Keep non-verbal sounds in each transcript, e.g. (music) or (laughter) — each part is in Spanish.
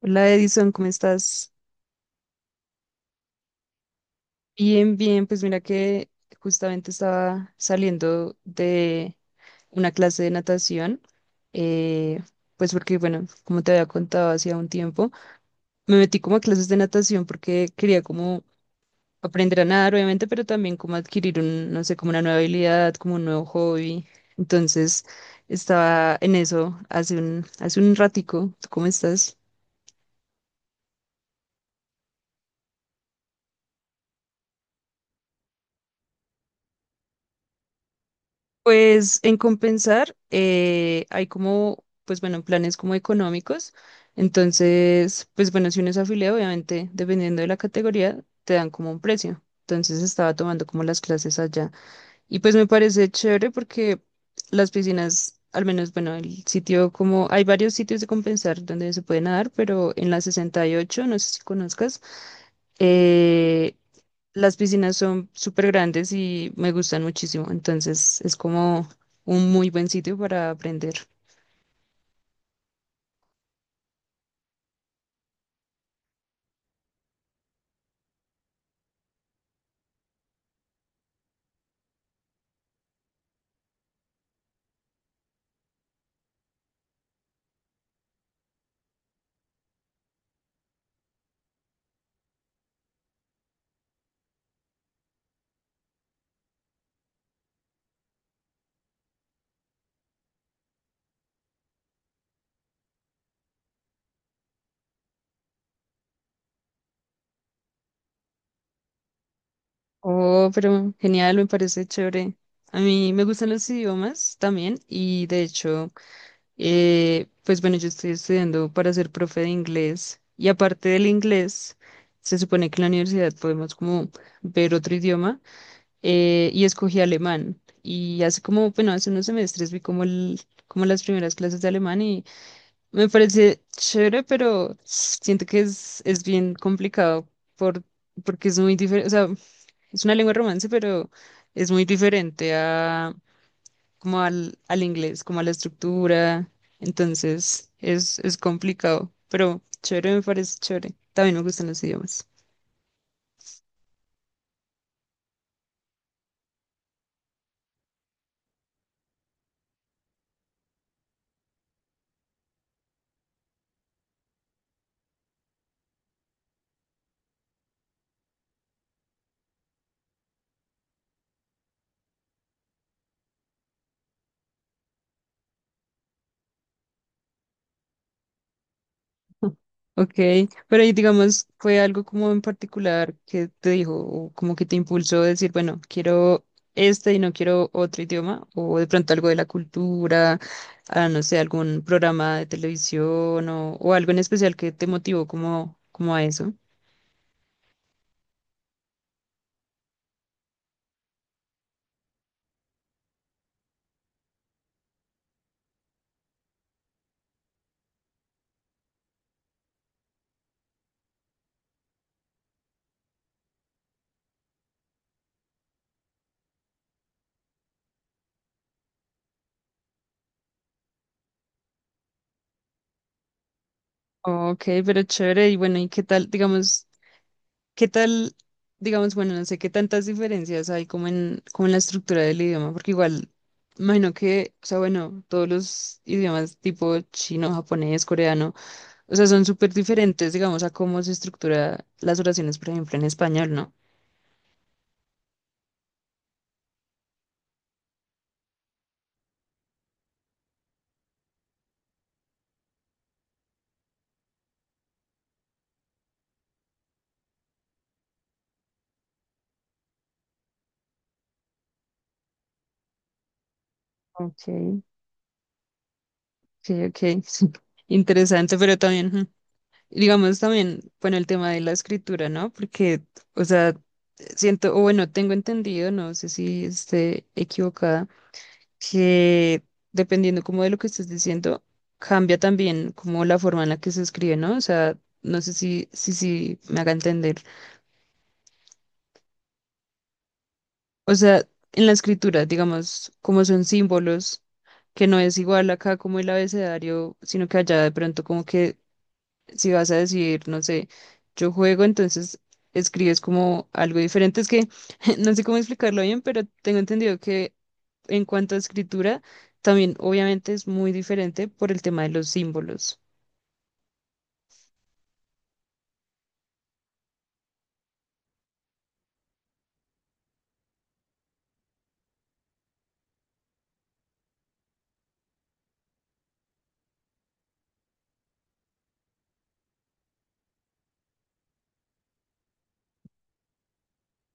Hola Edison, ¿cómo estás? Bien, bien, pues mira que justamente estaba saliendo de una clase de natación, eh, pues porque, bueno, como te había contado hacía un tiempo, me metí como a clases de natación porque quería como aprender a nadar, obviamente, pero también como adquirir un, no sé, como una nueva habilidad, como un nuevo hobby. Entonces, estaba en eso hace un ratico. ¿Tú cómo estás? Pues en compensar hay como, pues bueno, planes como económicos. Entonces, pues bueno, si uno es afiliado, obviamente, dependiendo de la categoría, te dan como un precio. Entonces estaba tomando como las clases allá. Y pues me parece chévere porque las piscinas, al menos, bueno, el sitio como, hay varios sitios de compensar donde se puede nadar, pero en la 68, no sé si conozcas, eh, las piscinas son súper grandes y me gustan muchísimo, entonces es como un muy buen sitio para aprender. Oh, pero genial, me parece chévere. A mí me gustan los idiomas también y de hecho, pues bueno, yo estoy estudiando para ser profe de inglés y aparte del inglés, se supone que en la universidad podemos como ver otro idioma, y escogí alemán y hace como, bueno, hace unos semestres vi como, el, como las primeras clases de alemán. Me parece chévere, pero siento que es bien complicado por, porque es muy diferente, o sea, es una lengua de romance, pero es muy diferente como al inglés, como a la estructura. Entonces, es complicado, pero chévere, me parece chévere. También me gustan los idiomas. Ok, pero y digamos, ¿fue algo como en particular que te dijo o como que te impulsó a decir, bueno, quiero este y no quiero otro idioma? ¿O de pronto algo de la cultura, ah, no sé, algún programa de televisión o algo en especial que te motivó como, como a eso? Ok, pero chévere. Y bueno, ¿y qué tal, digamos? ¿Qué tal, digamos, bueno, no sé qué tantas diferencias hay como en la estructura del idioma? Porque igual, imagino que, o sea, bueno, todos los idiomas tipo chino, japonés, coreano, o sea, son súper diferentes, digamos, a cómo se estructura las oraciones, por ejemplo, en español, ¿no? Ok, ok, ok. (laughs) Sí. Interesante, pero también, ujú, digamos, también, bueno, el tema de la escritura, ¿no? Porque, o sea, siento, o bueno, tengo entendido, no sé si esté equivocada que dependiendo como de lo que estés diciendo, cambia también como la forma en la que se escribe, ¿no? O sea, no sé si me haga entender. O sea, en la escritura, digamos, como son símbolos, que no es igual acá como el abecedario, sino que allá de pronto como que si vas a decir, no sé, yo juego, entonces escribes como algo diferente. Es que (laughs) no sé cómo explicarlo bien, pero tengo entendido que en cuanto a escritura, también obviamente es muy diferente por el tema de los símbolos.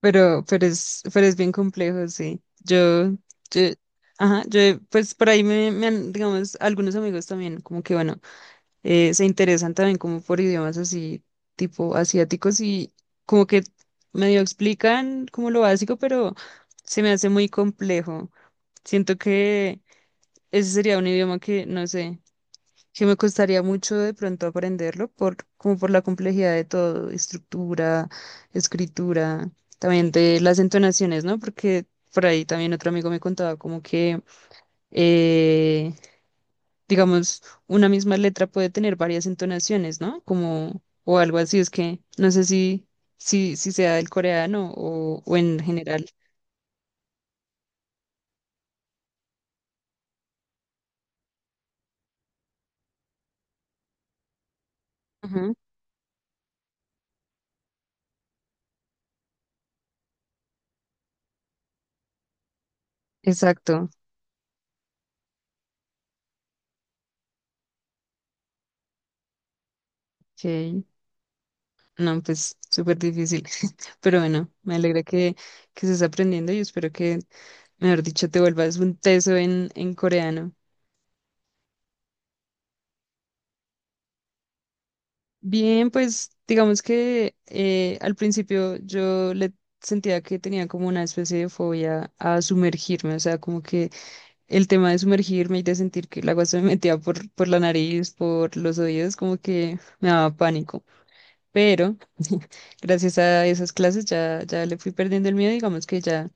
Pero es bien complejo, sí. Yo, ajá, yo, pues por ahí me han, digamos, algunos amigos también, como que bueno, se interesan también como por idiomas así tipo asiáticos y como que medio explican como lo básico, pero se me hace muy complejo. Siento que ese sería un idioma que, no sé, que me costaría mucho de pronto aprenderlo por, como por la complejidad de todo, estructura, escritura, también de las entonaciones, ¿no? Porque por ahí también otro amigo me contaba como que eh, digamos, una misma letra puede tener varias entonaciones, ¿no? Como, o algo así, es que no sé si sea del coreano o en general. Ujú. Exacto. Ok. No, pues súper difícil. (laughs) Pero bueno, me alegra que estés aprendiendo y espero que, mejor dicho, te vuelvas un teso en coreano. Bien, pues digamos que al principio yo le sentía que tenía como una especie de fobia a sumergirme, o sea, como que el tema de sumergirme y de sentir que el agua se me metía por la nariz, por los oídos, como que me daba pánico. Pero gracias a esas clases ya, ya le fui perdiendo el miedo, digamos que ya,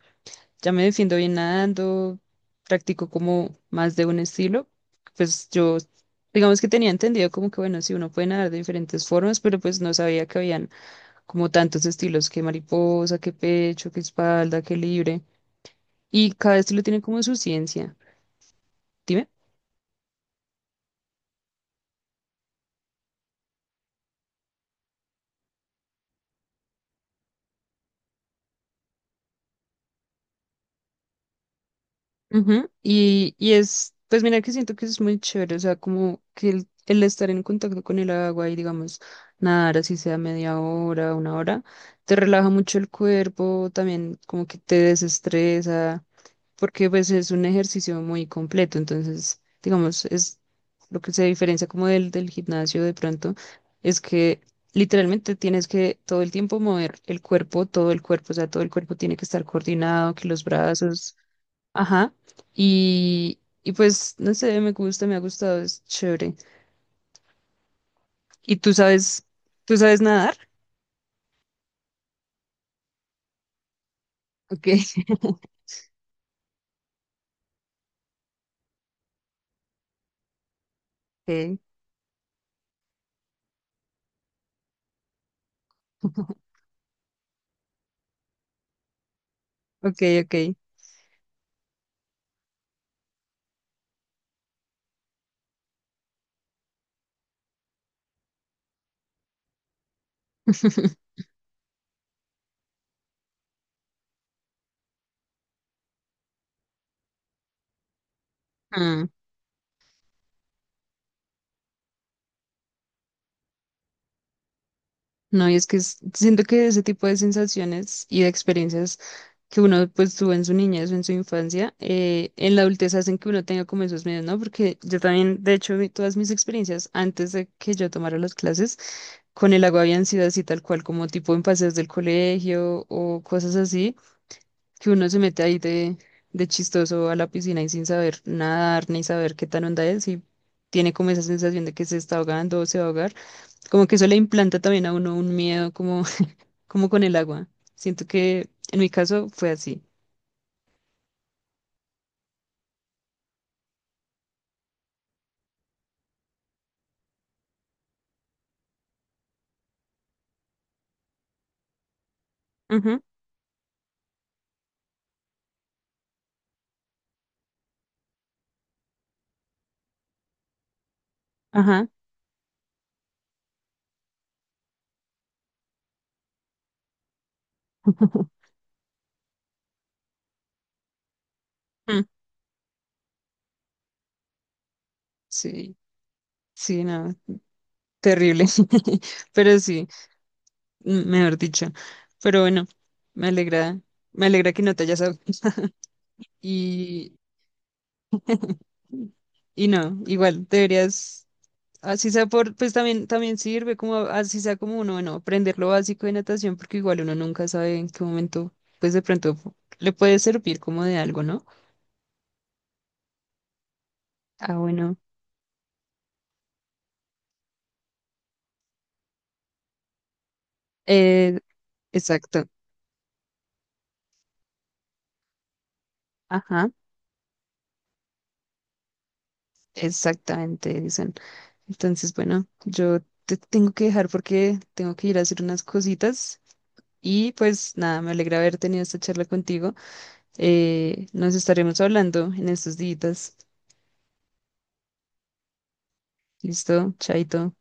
ya me defiendo bien nadando, practico como más de un estilo. Pues yo, digamos que tenía entendido como que bueno, sí, uno puede nadar de diferentes formas, pero pues no sabía que habían como tantos estilos, que mariposa, que pecho, que espalda, que libre. Y cada estilo tiene como su ciencia. Dime. Ujú. Y es, pues mira que siento que es muy chévere, o sea, como que el estar en contacto con el agua y digamos, nadar así sea media hora, una hora, te relaja mucho el cuerpo, también como que te desestresa, porque pues es un ejercicio muy completo, entonces, digamos, es lo que se diferencia como del gimnasio de pronto, es que literalmente tienes que todo el tiempo mover el cuerpo, todo el cuerpo, o sea, todo el cuerpo tiene que estar coordinado, que los brazos. Ajá. Y pues, no sé, me gusta, me ha gustado, es chévere. ¿Y tú sabes nadar? Ok, (laughs) ok, ok, ok. (laughs) Mm. No, y es que es- siento que ese tipo de sensaciones y de experiencias que uno pues tuvo en su niñez o en su infancia, en la adultez hacen que uno tenga como esos miedos, ¿no? Porque yo también, de hecho, mi- todas mis experiencias antes de que yo tomara las clases con el agua habían sido así tal cual, como tipo en paseos del colegio o cosas así, que uno se mete ahí de chistoso a la piscina y sin saber nadar ni saber qué tan onda es y tiene como esa sensación de que se está ahogando o se va a ahogar. Como que eso le implanta también a uno un miedo como, (laughs) como con el agua. Siento que en mi caso fue así. Ujú. Ajá. (laughs) Mm. Sí, sí, no, terrible. (laughs) Pero sí, mm, mejor dicho. Pero bueno, me alegra, me alegra que no te hayas ahogado. Y, y no, igual deberías. Así sea por, pues también, también sirve como así sea como uno, bueno, aprender lo básico de natación, porque igual uno nunca sabe en qué momento, pues de pronto le puede servir como de algo, ¿no? Ah, bueno. Eh, exacto. Ajá, exactamente, dicen. Entonces, bueno, yo te tengo que dejar porque tengo que ir a hacer unas cositas. Y pues nada, me alegra haber tenido esta charla contigo. Nos estaremos hablando en estos días. Listo, chaito.